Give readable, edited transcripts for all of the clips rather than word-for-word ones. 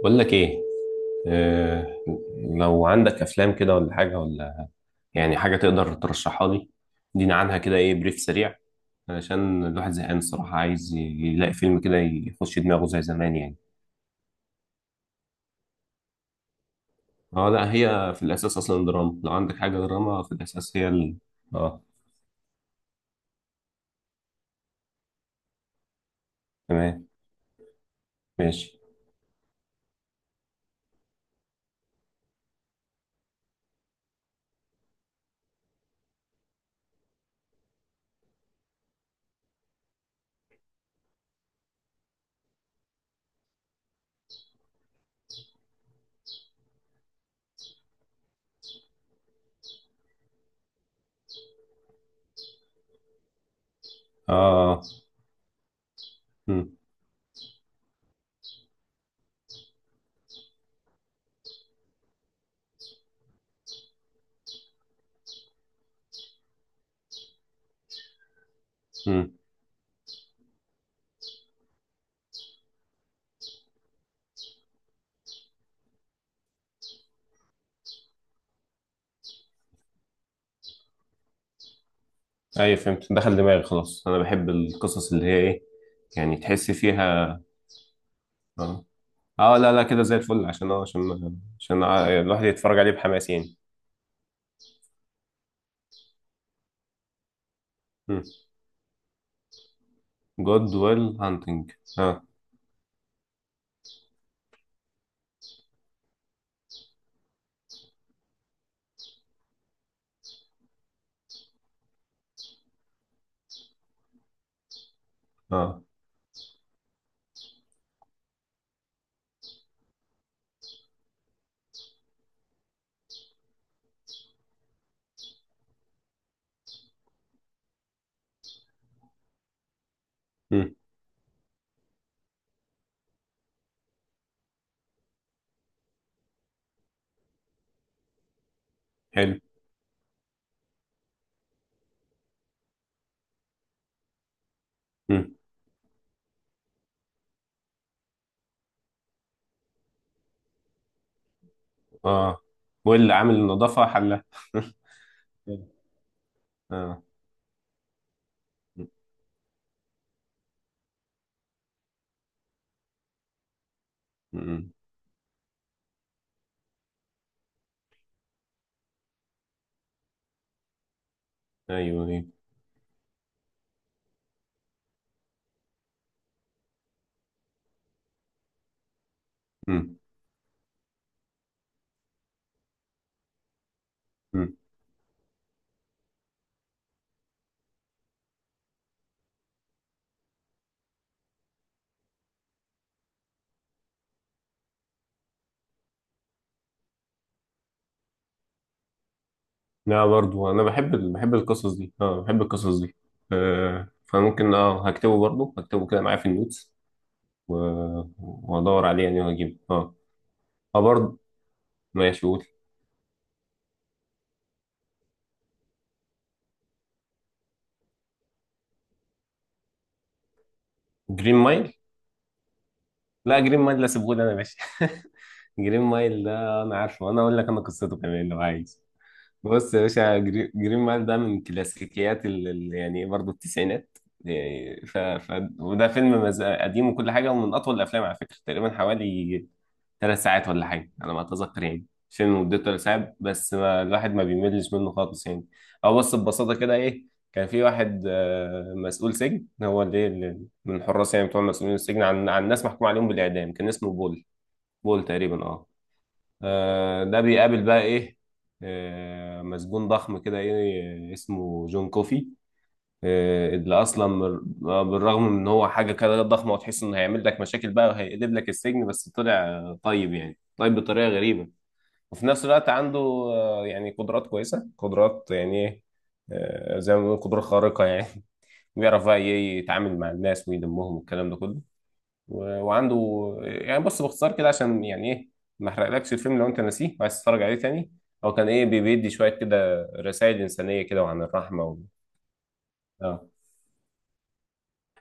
بقول لك ايه. آه، لو عندك افلام كده ولا حاجه، ولا يعني حاجه تقدر ترشحها لي. دينا عنها كده، ايه بريف سريع، علشان الواحد زهقان الصراحه، عايز يلاقي فيلم كده يخش دماغه زي زمان يعني. اه، لا، هي في الاساس اصلا دراما. لو عندك حاجه دراما في الاساس، هي اه. تمام. ماشي. اه، اه. مم، مم. ايوه، فهمت، دخل دماغي خلاص. انا بحب القصص اللي هي ايه. يعني تحس فيها. اه، اه، لا، لا، كده زي الفل. عشان اه عشان عشان ع- الواحد يتفرج عليه بحماس يعني. جود ويل هانتنج. اه. اه. مم. حلو. مم. اه، ويل عامل النظافة حلها. اه. مم. ايوه، ايوه. مم. مم. لا، برضو انا بحب بحب القصص دي. اه، بحب القصص دي. آه، فممكن، هكتبه برضو هكتبه كده معايا في النوتس. وادور عليه يعني وهجيبه اه. اه، برضو. ماشي، قول. جرين مايل. لا، جرين مايل، لا، سيبهولي انا يا باشا. جرين مايل ده انا عارفه، انا اقول لك انا قصته كمان لو عايز. بص يا باشا، جرين مايل ده من كلاسيكيات يعني برضه التسعينات. يعني وده فيلم قديم وكل حاجه، ومن اطول الافلام على فكره تقريبا حوالي 3 ساعات ولا حاجة على ما أتذكر يعني. فيلم مدته 3 ساعات، بس ما الواحد ما بيملش منه خالص يعني. أو بص، ببساطة كده إيه. كان في واحد مسؤول سجن، هو اللي من الحراس يعني، بتوع مسؤولين السجن عن ناس محكوم عليهم بالإعدام. كان اسمه بول. بول تقريبا، أه. ده بيقابل بقى إيه، مسجون ضخم كده، إيه، اسمه جون كوفي. إيه، اللي اصلا بالرغم من ان هو حاجه كده ضخمه، وتحس انه هيعمل لك مشاكل بقى وهيقلب لك السجن، بس طلع طيب، يعني طيب بطريقه غريبه. وفي نفس الوقت عنده يعني قدرات كويسه، قدرات يعني ايه. زي ما بنقول قدرات خارقه يعني. بيعرف بقى إيه يتعامل مع الناس ويلمهم والكلام ده كله. وعنده. يعني بص باختصار كده، عشان يعني ايه ما احرقلكش الفيلم لو انت ناسيه وعايز تتفرج عليه تاني. هو كان ايه بيدي شويه كده رسائل انسانيه كده، وعن الرحمه اه،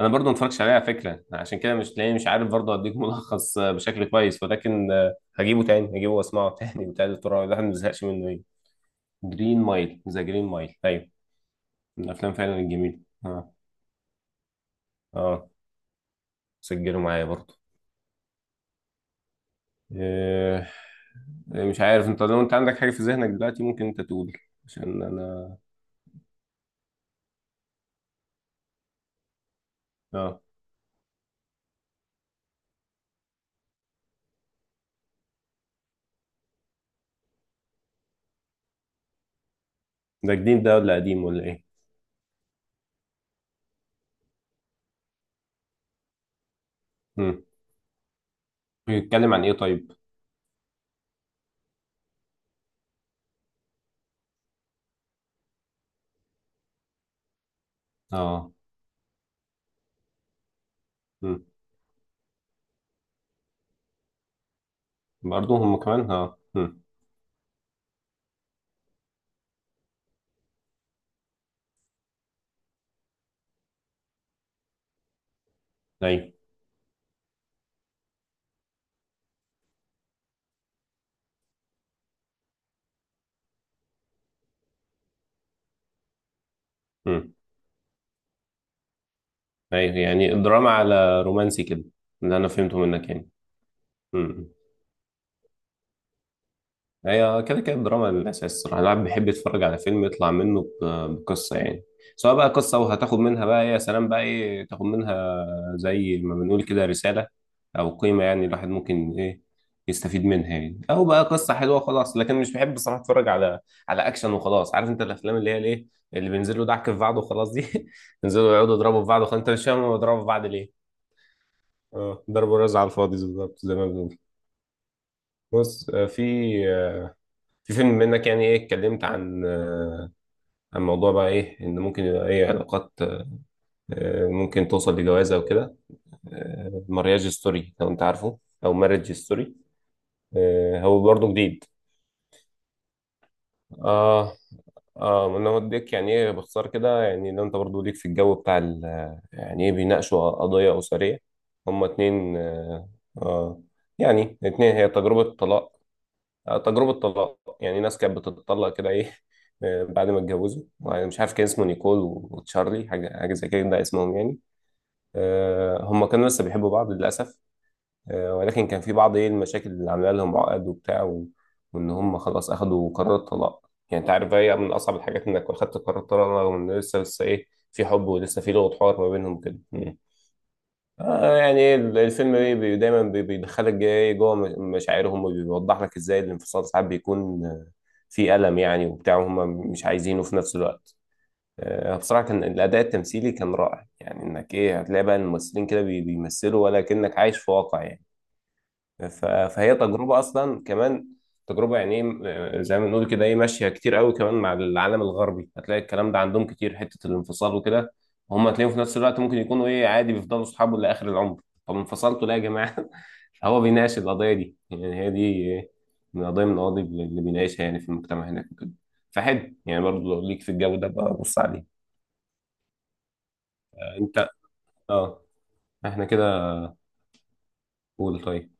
انا برضو ما اتفرجتش عليه على فكره، عشان كده مش تلاقيني مش عارف برضو اديك ملخص بشكل كويس، ولكن هجيبه تاني هجيبه واسمعه تاني وتالت ورابع، الواحد ما بيزهقش منه ايه. جرين مايل، ذا جرين مايل، ايوه. من الافلام فعلا الجميله. اه. اه، سجله معايا برضو. آه. مش عارف، انت لو انت عندك حاجه في ذهنك دلوقتي ممكن انت تقول، عشان انا، اه. ده جديد ده ولا قديم ولا ايه؟ امم. بيتكلم عن ايه طيب؟ اه. امم برضو هم كمان، اه. ايوه. مم. ايوه، يعني دراما على رومانسي كده، اللي انا فهمته منك يعني. امم. هي كده كده الدراما الاساس الصراحه، الواحد بيحب يتفرج على فيلم يطلع منه بقصه يعني. سواء بقى قصه وهتاخد منها بقى إيه، يا سلام بقى ايه تاخد منها، زي ما بنقول كده رساله، او قيمه يعني الواحد ممكن ايه يستفيد منها يعني. او بقى قصه حلوه خلاص. لكن مش بحب الصراحه اتفرج على اكشن وخلاص. عارف انت الافلام اللي هي الايه، اللي بينزلوا دعك في بعض وخلاص دي. ينزلوا يقعدوا يضربوا في بعض وخلاص، انت مش فاهم هما بيضربوا في بعض. اه، ضرب ورز على الفاضي بالظبط، زي ما بنقول. بص، في، آه، في فيلم منك يعني ايه، اتكلمت عن موضوع بقى ايه ان ممكن يبقى ايه علاقات، ممكن توصل لجوازة وكده. مارياج ستوري لو انت عارفه، او ماريج ستوري، هو برضه جديد. اه، اه، ما انا وديك يعني ايه باختصار كده، يعني لو انت برضه ليك في الجو بتاع يعني ايه بيناقشوا قضية أسرية. هما اتنين، اه. آه، يعني اتنين، هي تجربة طلاق. تجربة طلاق، يعني ناس كانت بتتطلق كده ايه، بعد ما اتجوزوا، يعني مش عارف كان اسمه نيكول و- وتشارلي، حاجة حاجة زي كده ده اسمهم يعني. هم كانوا لسه بيحبوا بعض للأسف. ولكن كان في بعض ايه المشاكل اللي عاملة لهم عقد وبتاع وإن هم خلاص أخدوا قرار الطلاق. يعني أنت عارف، هي من أصعب الحاجات إنك أخدت قرار الطلاق رغم إن لسه لسه ايه، في حب، ولسه في لغة حوار ما بينهم كده. آه يعني إيه، الفيلم بيدخلك جاي إيه، جوه مشاعرهم، وبيوضح لك ازاي الانفصال ساعات بيكون في ألم يعني وبتاع، وهم مش عايزينه في نفس الوقت. بصراحة، كان الأداء التمثيلي كان رائع، يعني إنك إيه هتلاقي بقى الممثلين كده بيمثلوا، ولا كأنك عايش في واقع يعني. فهي تجربة أصلا كمان تجربة يعني إيه، زي ما بنقول كده إيه، ماشية كتير قوي كمان مع العالم الغربي. هتلاقي الكلام ده عندهم كتير، حتة الانفصال وكده، هم تلاقيهم في نفس الوقت ممكن يكونوا إيه، عادي بيفضلوا صحابه لآخر العمر. طب انفصلتوا ليه يا جماعة؟ هو بيناقش القضية دي، يعني هي دي إيه، من قضية من القضايا اللي بيناقشها يعني في المجتمع هناك وكده. فحلو يعني، برضه لو ليك في الجو ده بقى بص عليه. أنت. أه. إحنا كده. قول طيب.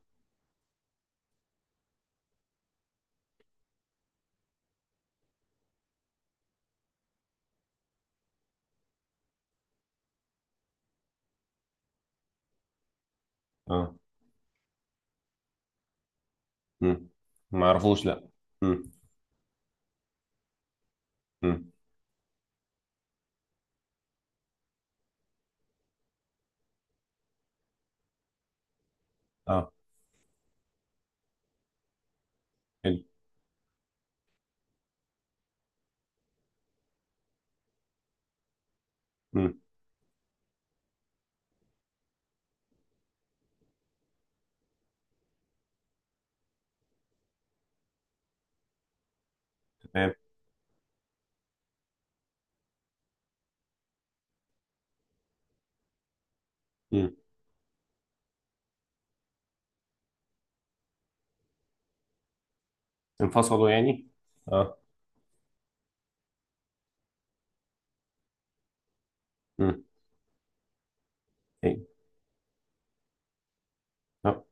أه. مم. معرفوش، لأ. مم. مم. أه، حلو. مم. تمام. مم. انفصلوا يعني؟ اه. امم. ايه. آه.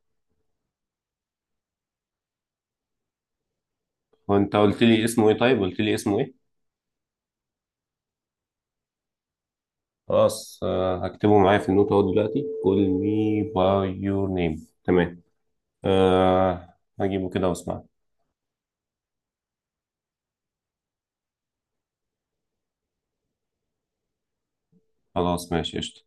هو انت قلت لي اسمه ايه؟ طيب قلت لي اسمه ايه؟ خلاص. آه. هكتبه معايا في النوت اهو دلوقتي. call me by your name. تمام. آه. هجيبه كده واسمع. خلاص، ماشي، قشطة.